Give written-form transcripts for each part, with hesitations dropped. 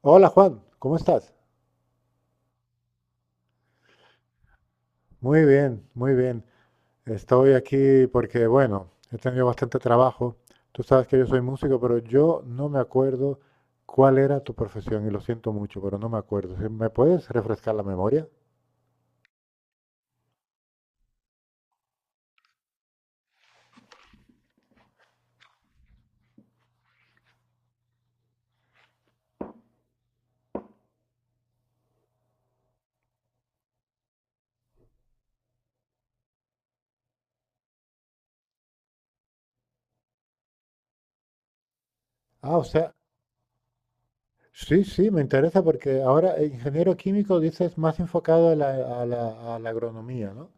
Hola Juan, ¿cómo estás? Muy bien, muy bien. Estoy aquí porque, bueno, he tenido bastante trabajo. Tú sabes que yo soy músico, pero yo no me acuerdo cuál era tu profesión y lo siento mucho, pero no me acuerdo. ¿Me puedes refrescar la memoria? Ah, o sea, sí, sí, me interesa porque ahora ingeniero químico dices más enfocado a la agronomía, ¿no?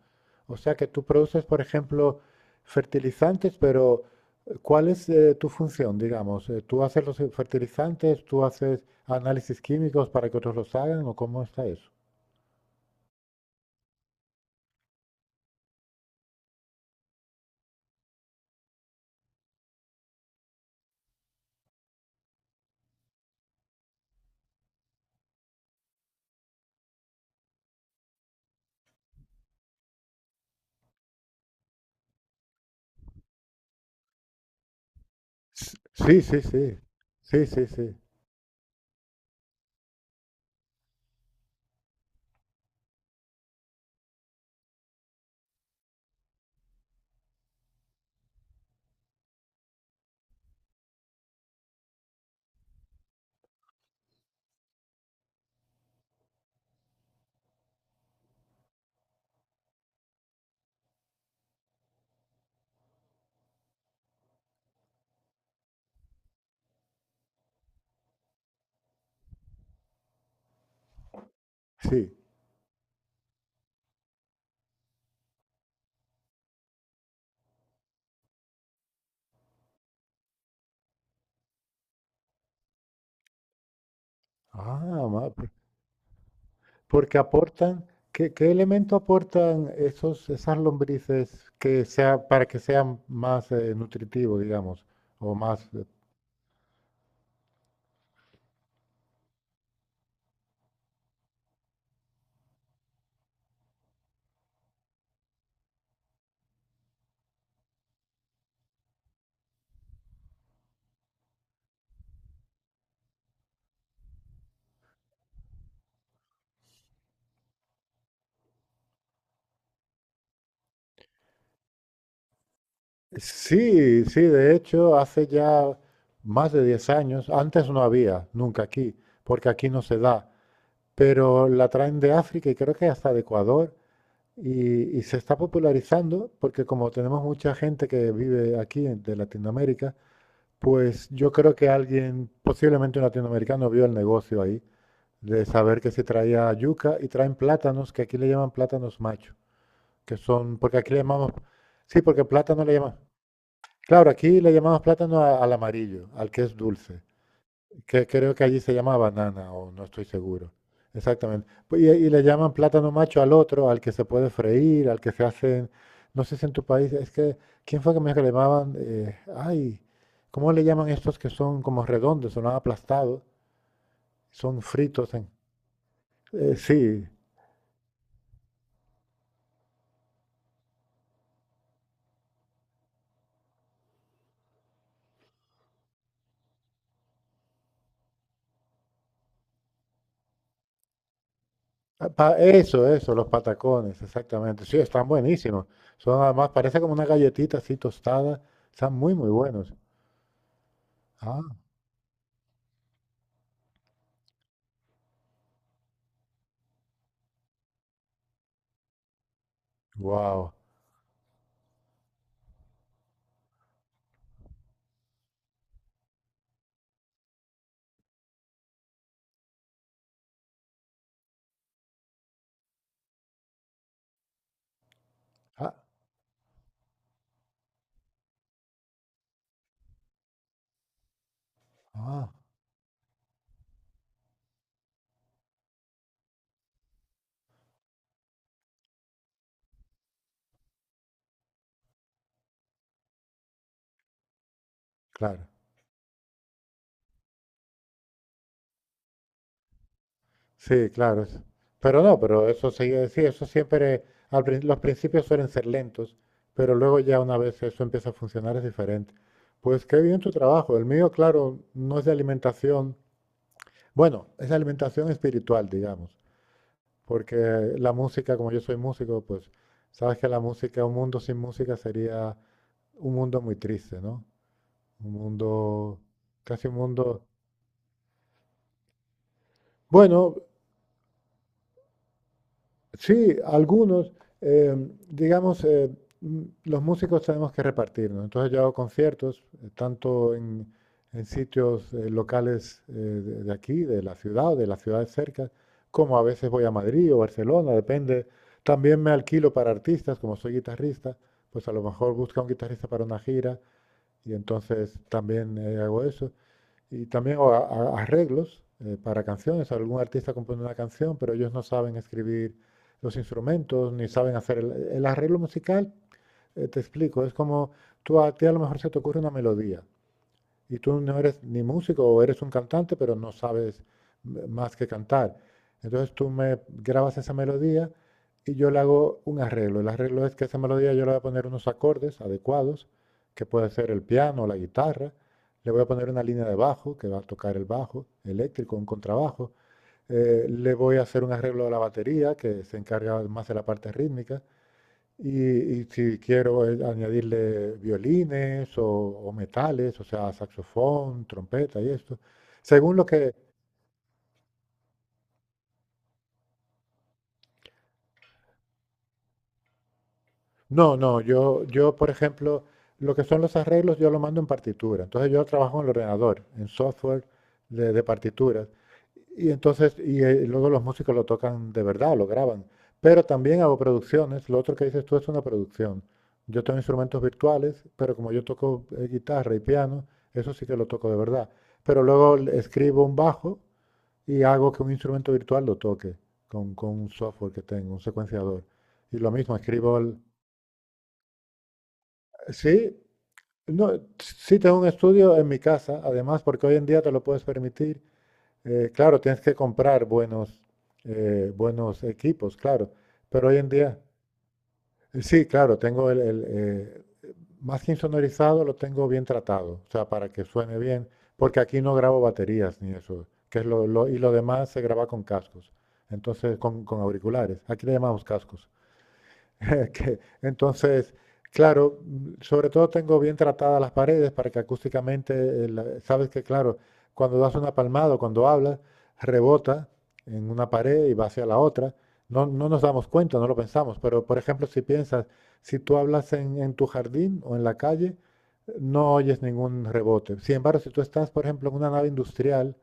O sea que tú produces, por ejemplo, fertilizantes, pero ¿cuál es tu función, digamos? ¿Tú haces los fertilizantes, tú haces análisis químicos para que otros los hagan o cómo está eso? Sí, sí, sí. Sí, sí, sí. Sí. Ah, ma- p- porque aportan, ¿qué elemento aportan esas lombrices que sea, para que sean más nutritivos, digamos, o más Sí, sí, de hecho, hace ya más de 10 años, antes no había, nunca aquí, porque aquí no se da, pero la traen de África y creo que hasta de Ecuador y se está popularizando porque como tenemos mucha gente que vive aquí de Latinoamérica, pues yo creo que alguien, posiblemente un latinoamericano, vio el negocio ahí de saber que se traía yuca y traen plátanos, que aquí le llaman plátanos macho, que son, porque aquí le llamamos, sí, porque plátano le llaman. Claro, aquí le llamamos plátano al amarillo, al que es dulce, que creo que allí se llama banana o no estoy seguro. Exactamente. Pues, y le llaman plátano macho al otro, al que se puede freír, al que se hacen, no sé si en tu país, es que, ¿quién fue que me dijo que le llamaban? Ay, ¿cómo le llaman estos que son como redondos, son aplastados, son fritos en... sí, eso, eso, los patacones, exactamente. Sí, están buenísimos. Son además, parece como una galletita así tostada, están muy, muy buenos. Ah. Wow. Ah, ah, claro. Sí, claro. Pero no, pero eso sigue, sí, eso siempre, los principios suelen ser lentos, pero luego ya una vez eso empieza a funcionar es diferente. Pues qué bien tu trabajo. El mío, claro, no es de alimentación. Bueno, es de alimentación espiritual, digamos, porque la música, como yo soy músico, pues sabes que la música, un mundo sin música sería un mundo muy triste, ¿no? Un mundo, casi un mundo. Bueno, sí, algunos, eh, digamos, los músicos tenemos que repartirnos. Entonces yo hago conciertos, tanto en sitios locales de aquí, de la ciudad o de las ciudades cerca, como a veces voy a Madrid o Barcelona, depende. También me alquilo para artistas, como soy guitarrista, pues a lo mejor busca un guitarrista para una gira y entonces también hago eso. Y también o arreglos para canciones. Algún artista compone una canción, pero ellos no saben escribir los instrumentos, ni saben hacer el arreglo musical. Te explico, es como tú a ti a lo mejor se te ocurre una melodía y tú no eres ni músico o eres un cantante, pero no sabes más que cantar. Entonces tú me grabas esa melodía y yo le hago un arreglo. El arreglo es que esa melodía yo le voy a poner unos acordes adecuados, que puede ser el piano o la guitarra. Le voy a poner una línea de bajo, que va a tocar el bajo eléctrico, un contrabajo. Le voy a hacer un arreglo de la batería, que se encarga más de la parte rítmica. Y, y si quiero añadirle violines o metales, o sea, saxofón, trompeta y esto, según lo que, No, no, yo, por ejemplo, lo que son los arreglos yo lo mando en partitura. Entonces yo trabajo en el ordenador, en software de partituras. Y entonces, y luego los músicos lo tocan de verdad, lo graban. Pero también hago producciones. Lo otro que dices tú es una producción. Yo tengo instrumentos virtuales, pero como yo toco guitarra y piano, eso sí que lo toco de verdad. Pero luego escribo un bajo y hago que un instrumento virtual lo toque con un software que tengo, un secuenciador. Y lo mismo, escribo sí, no, sí tengo un estudio en mi casa, además, porque hoy en día te lo puedes permitir. Claro, tienes que comprar buenos, buenos equipos, claro. Pero hoy en día, sí, claro, tengo más que insonorizado, lo tengo bien tratado, o sea, para que suene bien, porque aquí no grabo baterías ni eso, que es lo, y lo demás se graba con cascos, entonces con auriculares. Aquí le llamamos cascos. Que, entonces, claro, sobre todo tengo bien tratadas las paredes para que acústicamente, sabes que, claro, cuando das una palmada o cuando hablas, rebota en una pared y va hacia la otra. No, no nos damos cuenta, no lo pensamos, pero por ejemplo, si piensas, si tú hablas en tu jardín o en la calle, no oyes ningún rebote. Sin embargo, si tú estás, por ejemplo, en una nave industrial,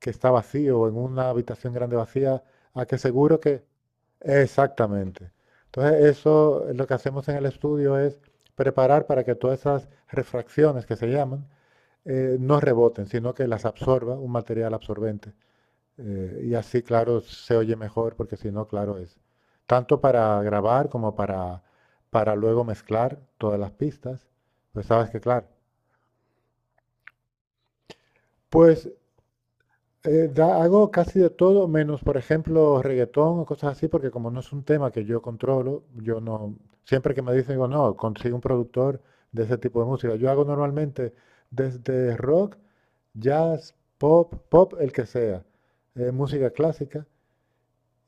que está vacío, en una habitación grande vacía, a que seguro que... Exactamente. Entonces, eso es lo que hacemos en el estudio es preparar para que todas esas refracciones que se llaman no reboten, sino que las absorba un material absorbente. Y así, claro, se oye mejor, porque si no, claro, es tanto para grabar como para luego mezclar todas las pistas. Pues sabes que, claro. Pues hago casi de todo, menos, por ejemplo, reggaetón o cosas así, porque como no es un tema que yo controlo, yo no, siempre que me dicen, digo, no, consigo un productor de ese tipo de música. Yo hago normalmente desde rock, jazz, pop, pop, el que sea, música clásica,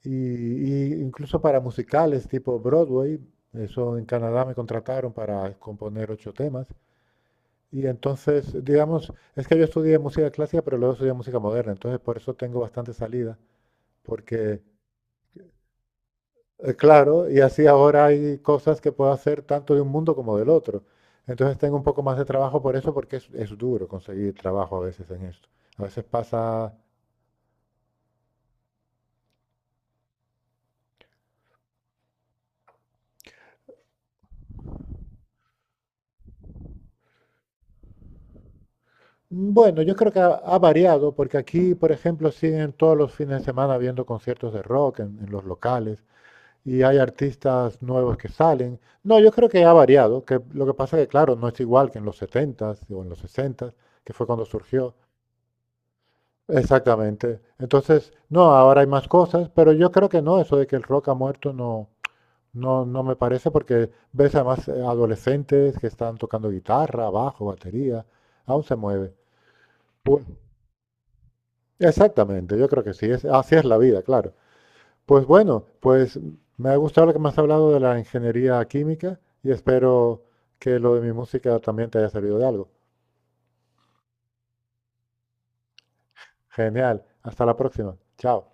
y incluso para musicales tipo Broadway, eso en Canadá me contrataron para componer 8 temas. Y entonces, digamos, es que yo estudié música clásica, pero luego estudié música moderna, entonces por eso tengo bastante salida porque, claro, y así ahora hay cosas que puedo hacer tanto de un mundo como del otro. Entonces tengo un poco más de trabajo por eso, porque es duro conseguir trabajo a veces en esto. A veces pasa... Bueno, yo creo que ha variado, porque aquí, por ejemplo, siguen todos los fines de semana viendo conciertos de rock en los locales y hay artistas nuevos que salen. No, yo creo que ha variado, que lo que pasa es que, claro, no es igual que en los 70 o en los 60 que fue cuando surgió. Exactamente. Entonces, no, ahora hay más cosas, pero yo creo que no, eso de que el rock ha muerto no, no, no me parece, porque ves además adolescentes que están tocando guitarra, bajo, batería, aún se mueve. Pu- exactamente, yo creo que sí, es, así es la vida, claro. Pues bueno, pues me ha gustado lo que me has hablado de la ingeniería química y espero que lo de mi música también te haya servido de algo. Genial, hasta la próxima. Chao.